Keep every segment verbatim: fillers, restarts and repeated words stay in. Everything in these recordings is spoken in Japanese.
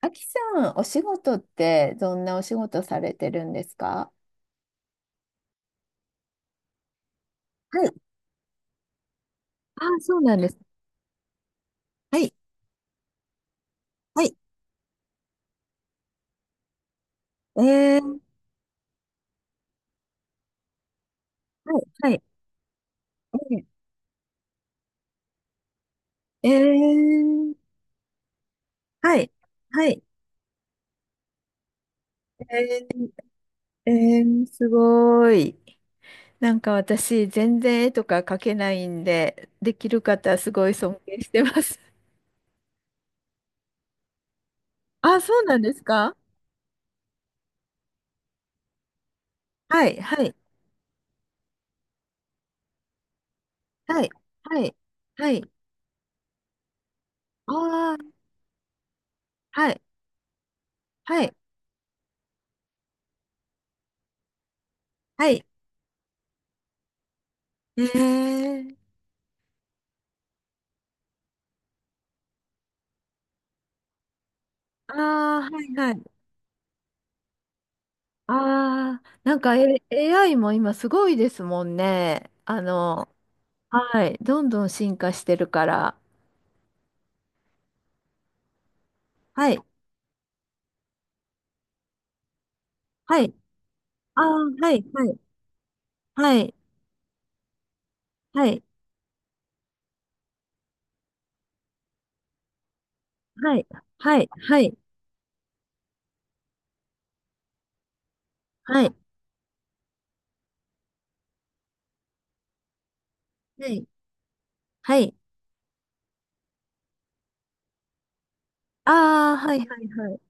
あきさん、お仕事ってどんなお仕事されてるんですか？はい。ああ、そうなんです。はい。はい。えー、はい。はい。えー、えーはい。はい。えー、えー、すごーい。なんか私、全然絵とか描けないんで、できる方、すごい尊敬してます。ああ、そうなんですか？はい。はい。はい。はい。はい。ああ、はい。はい。はい。えー、ああ、はい。はい。ああ、なんか、A、エーアイ も今すごいですもんね。あの、はい、どんどん進化してるから。はい、はい、ああ、はい、はい、はい、はい、はい、はい、はい、はい、はい、はい。ああ、はい、はい、はい、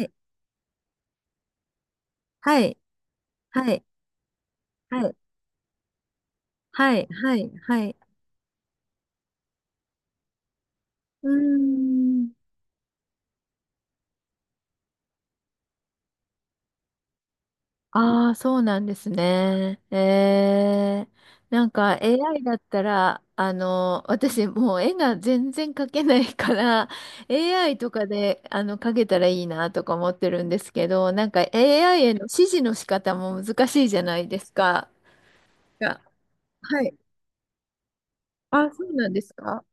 はい、はい、はい、はい、はい、はい、はい、うーん。ああ、そうなんですね。ええ、なんか エーアイ だったら、あの、私もう絵が全然描けないから、エーアイ とかで、あの、描けたらいいなとか思ってるんですけど、なんか エーアイ への指示の仕方も難しいじゃないですか。がはい。あ、そうなんですか。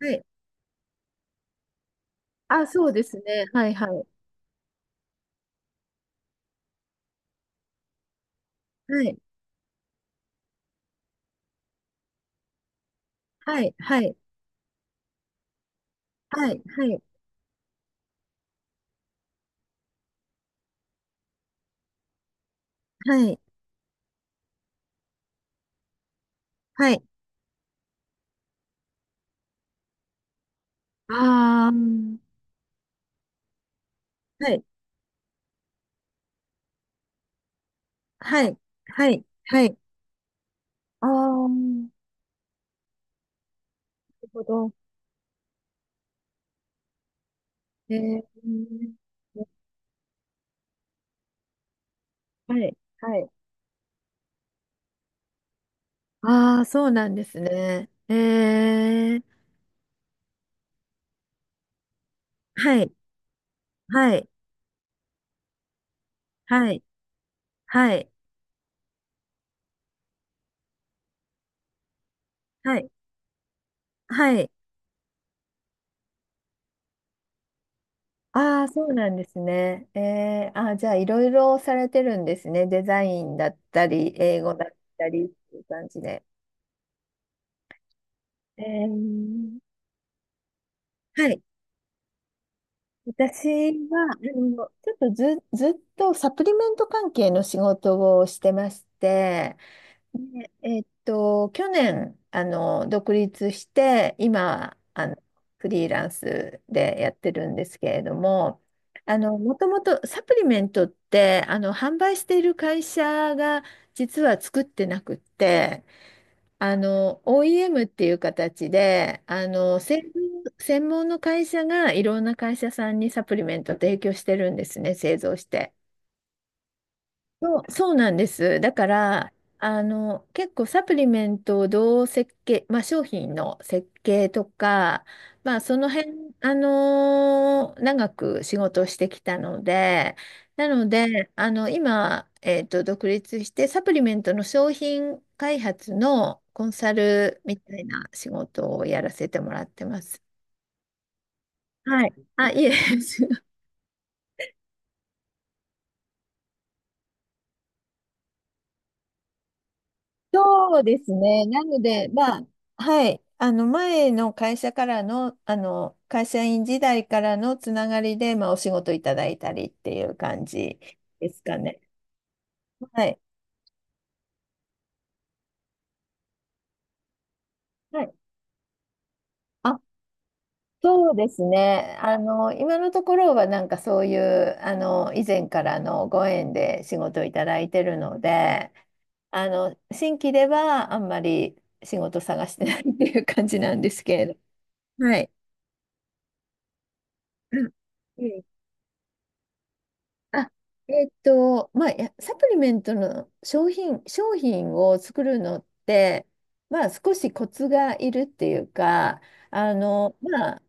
はい。あ、そうですね。はいはい。はい。はい。はい。はい。はい。はい。はい。ああ。はい。はい。はい。はい。ああ、なるほど。えー、はい、はい。ああ、そうなんですね。えー、はい、はい、はい、はい、はい、はい。ああ、そうなんですね。えー、あー、じゃあ、いろいろされてるんですね。デザインだったり、英語だったりっていう感じで。えー、はい。私は、あの、ちょっとず、ずっとサプリメント関係の仕事をしてまして、でえーっと、去年、あの、独立して、今、あの、フリーランスでやってるんですけれども、あの、もともとサプリメントって、あの、販売している会社が実は作ってなくって、あの、オーイーエム っていう形で、あの、専門専門の会社がいろんな会社さんにサプリメント提供してるんですね、製造して。そう、そうなんです。だから、あの、結構サプリメントをどう設計、まあ、商品の設計とか、まあ、その辺、あのー長く仕事をしてきたので、なので、あの、今、えっと、独立して、サプリメントの商品開発のコンサルみたいな仕事をやらせてもらってます。はい。あ、いえ。そうですね。なので、まあ、はい。あの、前の会社からの、あの、会社員時代からのつながりで、まあ、お仕事いただいたりっていう感じですかね。はい。はい。あ、そうですね。あの、今のところは、なんかそういう、あの、以前からのご縁で仕事をいただいてるので、あの、新規ではあんまり仕事探してないっていう感じなんですけれど。はい。うん、あ、えっと、まあ、いやサプリメントの商品、商品を作るのって、まあ、少しコツがいるっていうか、あの、まあ、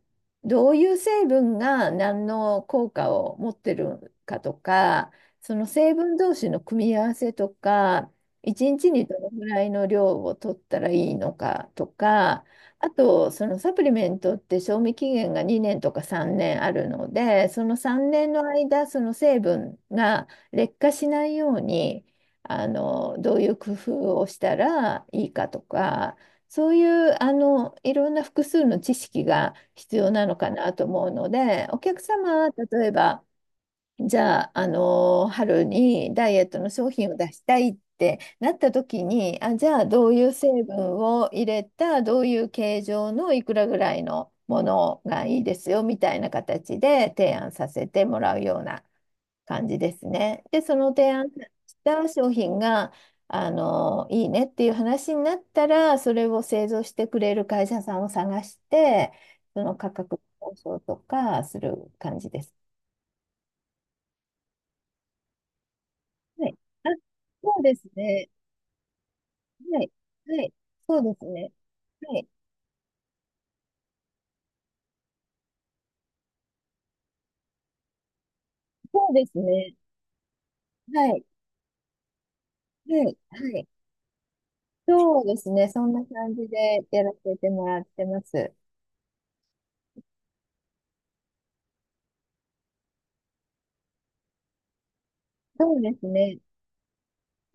どういう成分が何の効果を持ってるかとか、その成分同士の組み合わせとか、一日にちにどのぐらいの量を取ったらいいのかとか、あと、そのサプリメントって賞味期限がにねんとかさんねんあるので、そのさんねんの間、その成分が劣化しないように、あの、どういう工夫をしたらいいかとか、そういう、あの、いろんな複数の知識が必要なのかなと思うので、お客様、例えば、じゃあ、あのー春にダイエットの商品を出したいってなった時に、あ、じゃあどういう成分を入れた、どういう形状のいくらぐらいのものがいいですよみたいな形で提案させてもらうような感じですね。で、その提案した商品が、あのーいいねっていう話になったら、それを製造してくれる会社さんを探して、その価格交渉とかする感じです。はい。あ、そうですね。はい。はい。そうですね。はい。そうですね。はい。はい。はい。そうですね。そんな感じでやらせてもらってます。そうですね。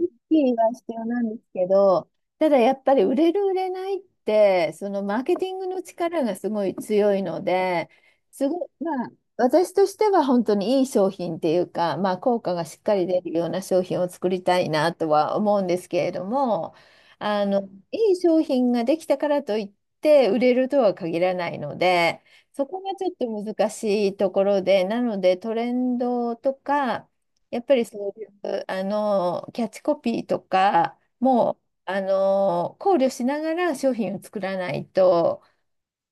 きりは必要なんですけど、ただやっぱり売れる売れないって、そのマーケティングの力がすごい強いので、すごい、まあ、私としては本当にいい商品っていうか、まあ、効果がしっかり出るような商品を作りたいなとは思うんですけれども、あの、いい商品ができたからといって売れるとは限らないので、そこがちょっと難しいところで、なのでトレンドとか、やっぱりそう、うあのキャッチコピーとかもあの考慮しながら商品を作らないと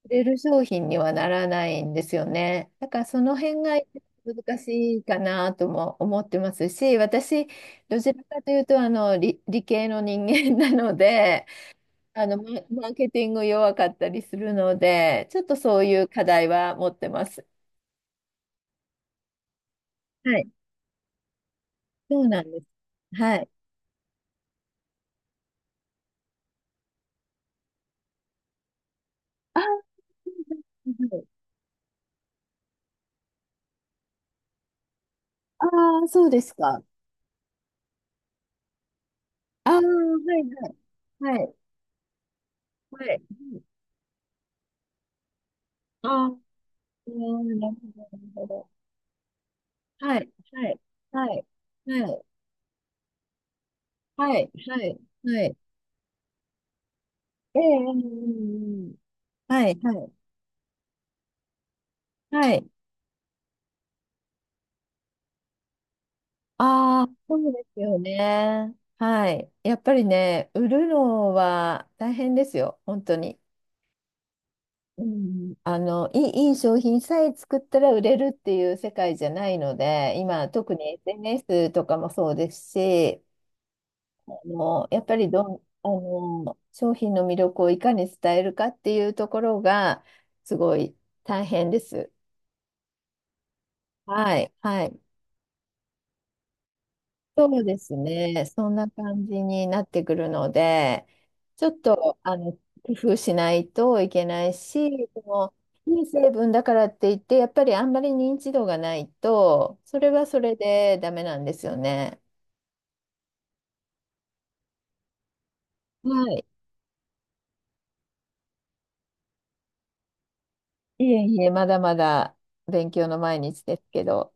売れる商品にはならないんですよね。だからその辺が難しいかなとも思ってますし、私どちらかというとあの理、理系の人間なので、あのママーケティング弱かったりするので、ちょっとそういう課題は持ってます。はい、そうなんです。はい。あ、はいはい、あー、そうですか。ああ、はいはい。はい。はい。ああ、うん、なるほど、なるほど。はい、はい、はい、はい、はい、はい、はい。ええ、ええ、ええええ、はい、はい、はい。ああ、そうですよね。はい。やっぱりね、売るのは大変ですよ、本当に。うん、あの、いい、いい商品さえ作ったら売れるっていう世界じゃないので、今、特に エスエヌエス とかもそうですし、あの、やっぱりどん、あの、商品の魅力をいかに伝えるかっていうところが、すごい大変です。はい、はい。そうですね。そんな感じになってくるので、ちょっと、あの、工夫しないといけないし、その、いい成分だからって言って、やっぱりあんまり認知度がないと、それはそれでダメなんですよね。はい。いえいえ、まだまだ勉強の毎日ですけど。